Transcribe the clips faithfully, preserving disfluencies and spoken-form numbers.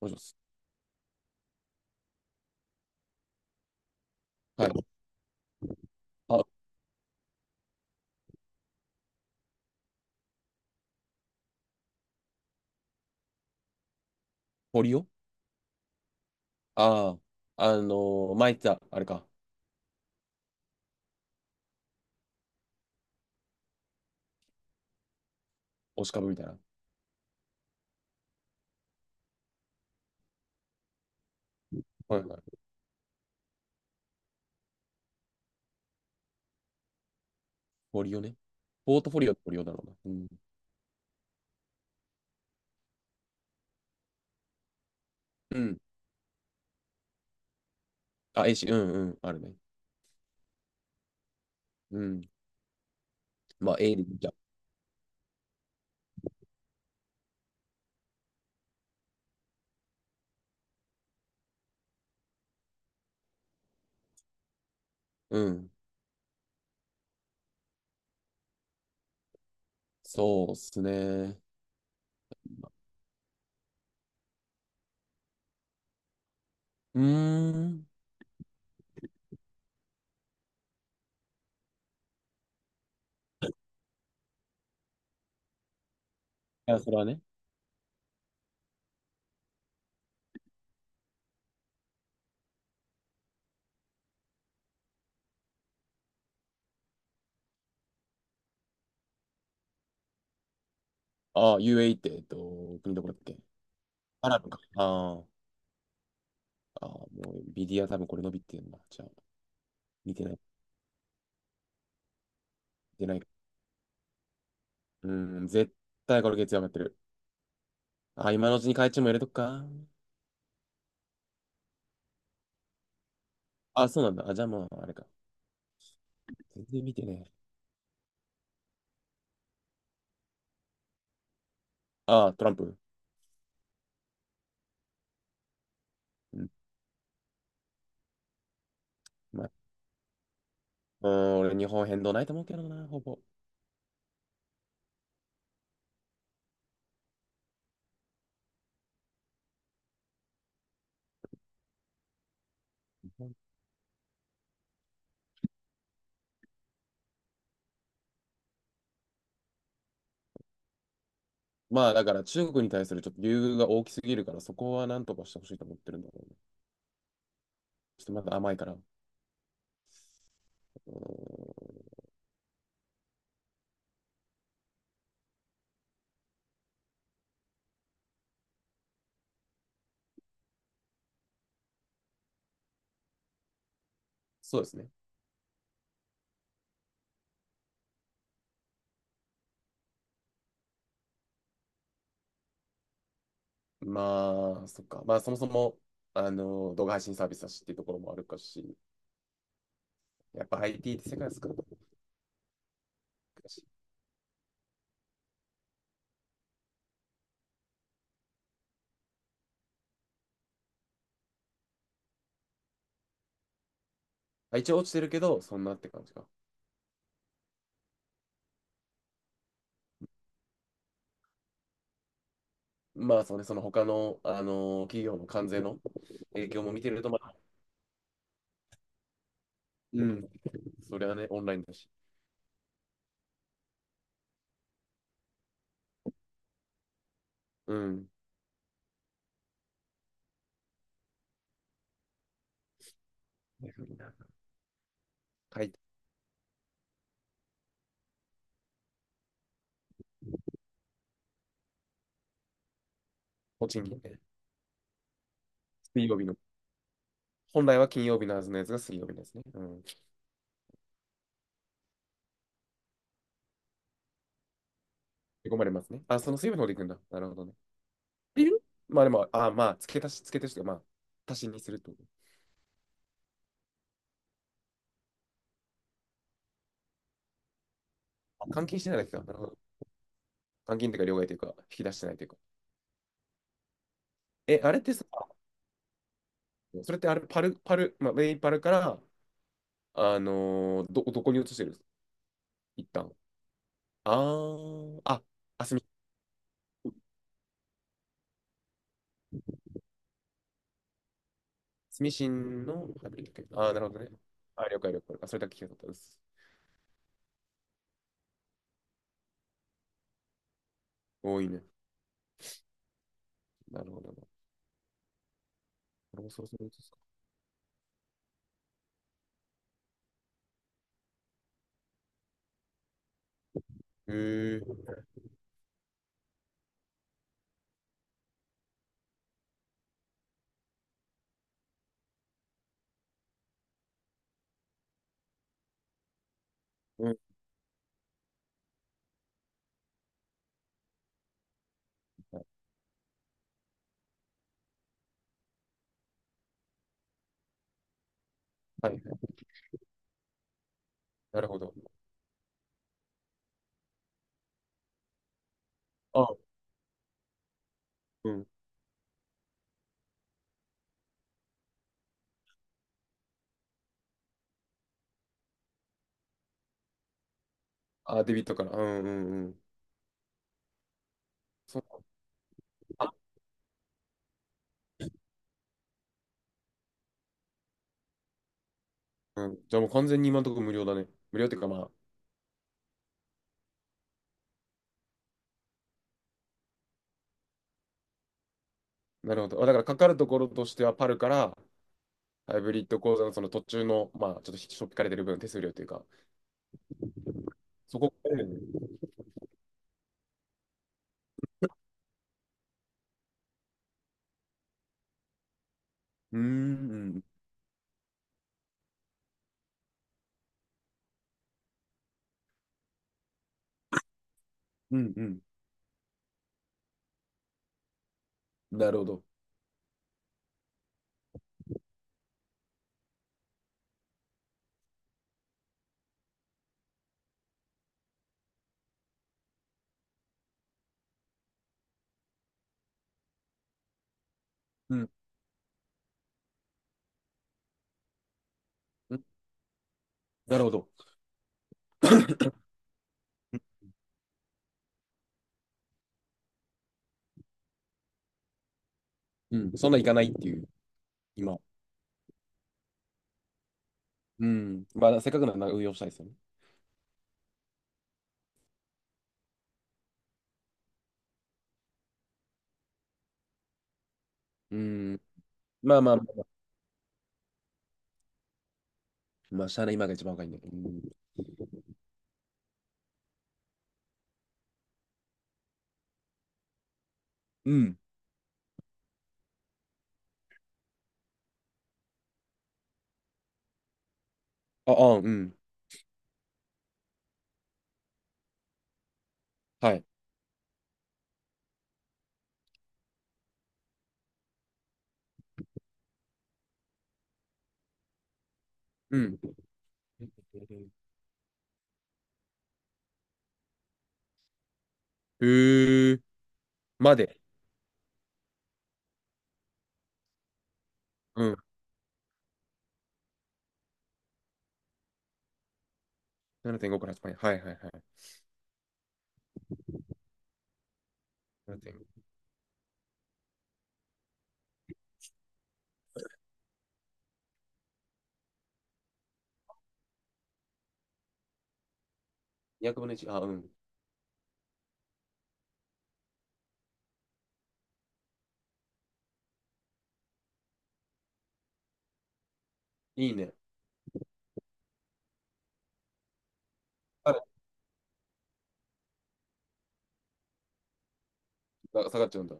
もしもし。はい。あ、堀尾ああー、あのー、前言ってた、あれか、押し株みたいな。はいはい。堀尾ね。ポートフォリオって堀尾だろうな。うん。うん。あ、A し、うんうん、あるね。うん。まあ、A でいいじゃん。うん。そうっすね。うーん。いや、それはね。ああ、ユーエーイー って、えっと、国どこだっけ。アラブか。あーあー、もう、ビディア多分これ伸びてるな。じゃあ、見てない、見てない。うん、絶対これ月曜上がってる。あ、今のうちに会長も入れとくか。あ、そうなんだ。あ、じゃあまあ、あれか。全然見てね。ああ、トランプ。うん。まあ、うん、俺、日本変動ないと思うけどな、ほぼ。日本、まあ、だから中国に対するちょっと優遇が大きすぎるから、そこはなんとかしてほしいと思ってるんだろうね。ちょっとまだ甘いから。うん。そうですね。まあ、そっか。まあ、そもそも、あの、動画配信サービスだしっていうところもあるかし、やっぱ アイティー って世界少なくだし。まあ一応落ちてるけど、そんなって感じか。まあ、そうね、その他の、あの、企業の関税の影響も見てると、まあ、うん、それはね、オンラインだし。うん。はい。栃木ね。水曜日の。本来は金曜日のはずのやつが水曜日のやつね。うん。追い込まれますね。あ、その水曜日の方で行くんだ。なるほどね。っていう。まあでも、あ、まあ、付け足し、付け足しというか、まあ、足しにするってこと。あ、監禁してないだけか。なるほど。監禁というか、両替というか、引き出してないというか。え、あれってさ、それってあれ、パル、パル、まあ、ウェイパルから、あのーど、どこに移してるんですか、一旦。あー、あ、あ、すみ、すしんのハイブリッド系。あー、なるほどね。あ、了解了解。あ、それだけ聞いたかったです。多いね。なるほどな。俺もそろそろ移す。へえ。うん。はい。なるほど。あ、うん。あ、デビットから。うんうんうん。そっか。うん。じゃあもう完全に今のところ無料だね。無料っていうかまあ、なるほど。あ、だからかかるところとしてはパルからハイブリッド講座のその途中の、まあ、ちょっとしょっぴかれてる分、手数料というか、そこからだよね。うーん、うん、うん、うん。なるほど。うん、うん。なるほど。うん。そんないかないっていう、今。うん。まあ、せっかくなら運用したいですよね。うん。まあまあまあ、まあ、しゃあない、今が一番若いんだけど。うん。うん。あ、あ、うん。はい。うん。へえ、まで。うん。ななてんごからはちえんはいはいはい。ななてんご。にひゃくぶんのいち。あ、うん。いいね。あ、下がっちゃうんだ。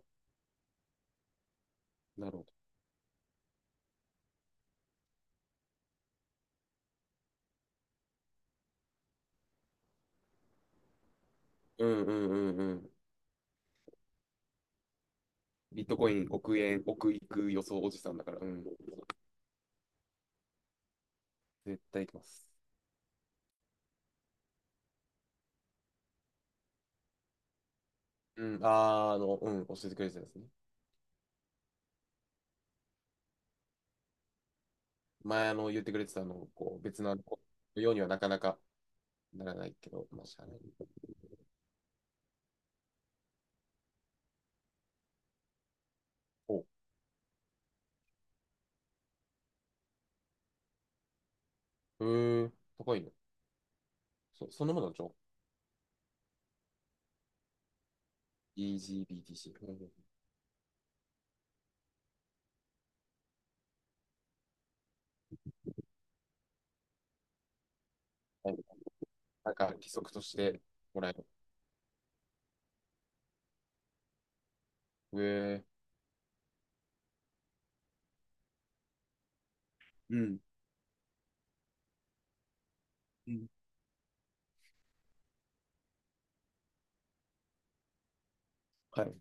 なるほど。うんうんうんうん。ビットコイン、億円、億いく予想おじさんだから、うん。絶対行きます。うん。あー、あの、うん。教えてくれてたですね。前、あの、言ってくれてたあの、こう、別のあの、こうようにはなかなかならないけど、まあ、しゃあない。お、へえ、高いね。そ、そのものの情報。イージービーティーシー。うん、なんか規則として、もらえる。うえ、うん。うん、はい。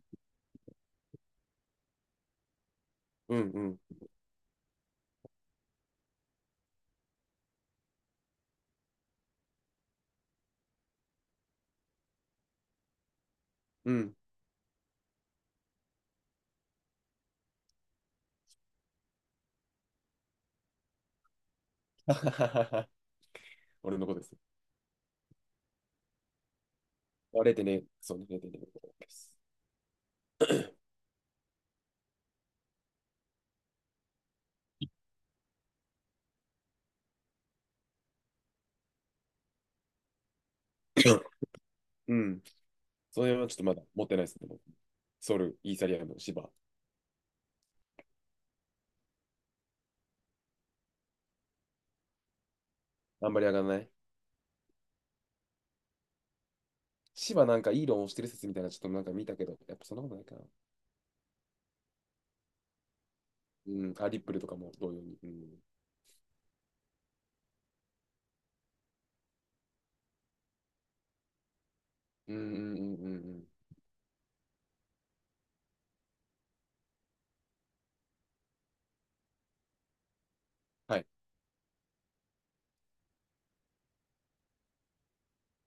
うんうん。うん。はははは俺の子です。あれてね、そうね、れいてんれいでねです。うん。そのはちょっとまだ持ってないですね。僕、ソル、イーサリアム、シバ。あんまり上がらない。シバなんかいい論をしてる説みたいな、ちょっとなんか見たけど、やっぱそんなことないかな。うん。あ、リップルとかも同様に。うん。うんうんうんうんうん。はい。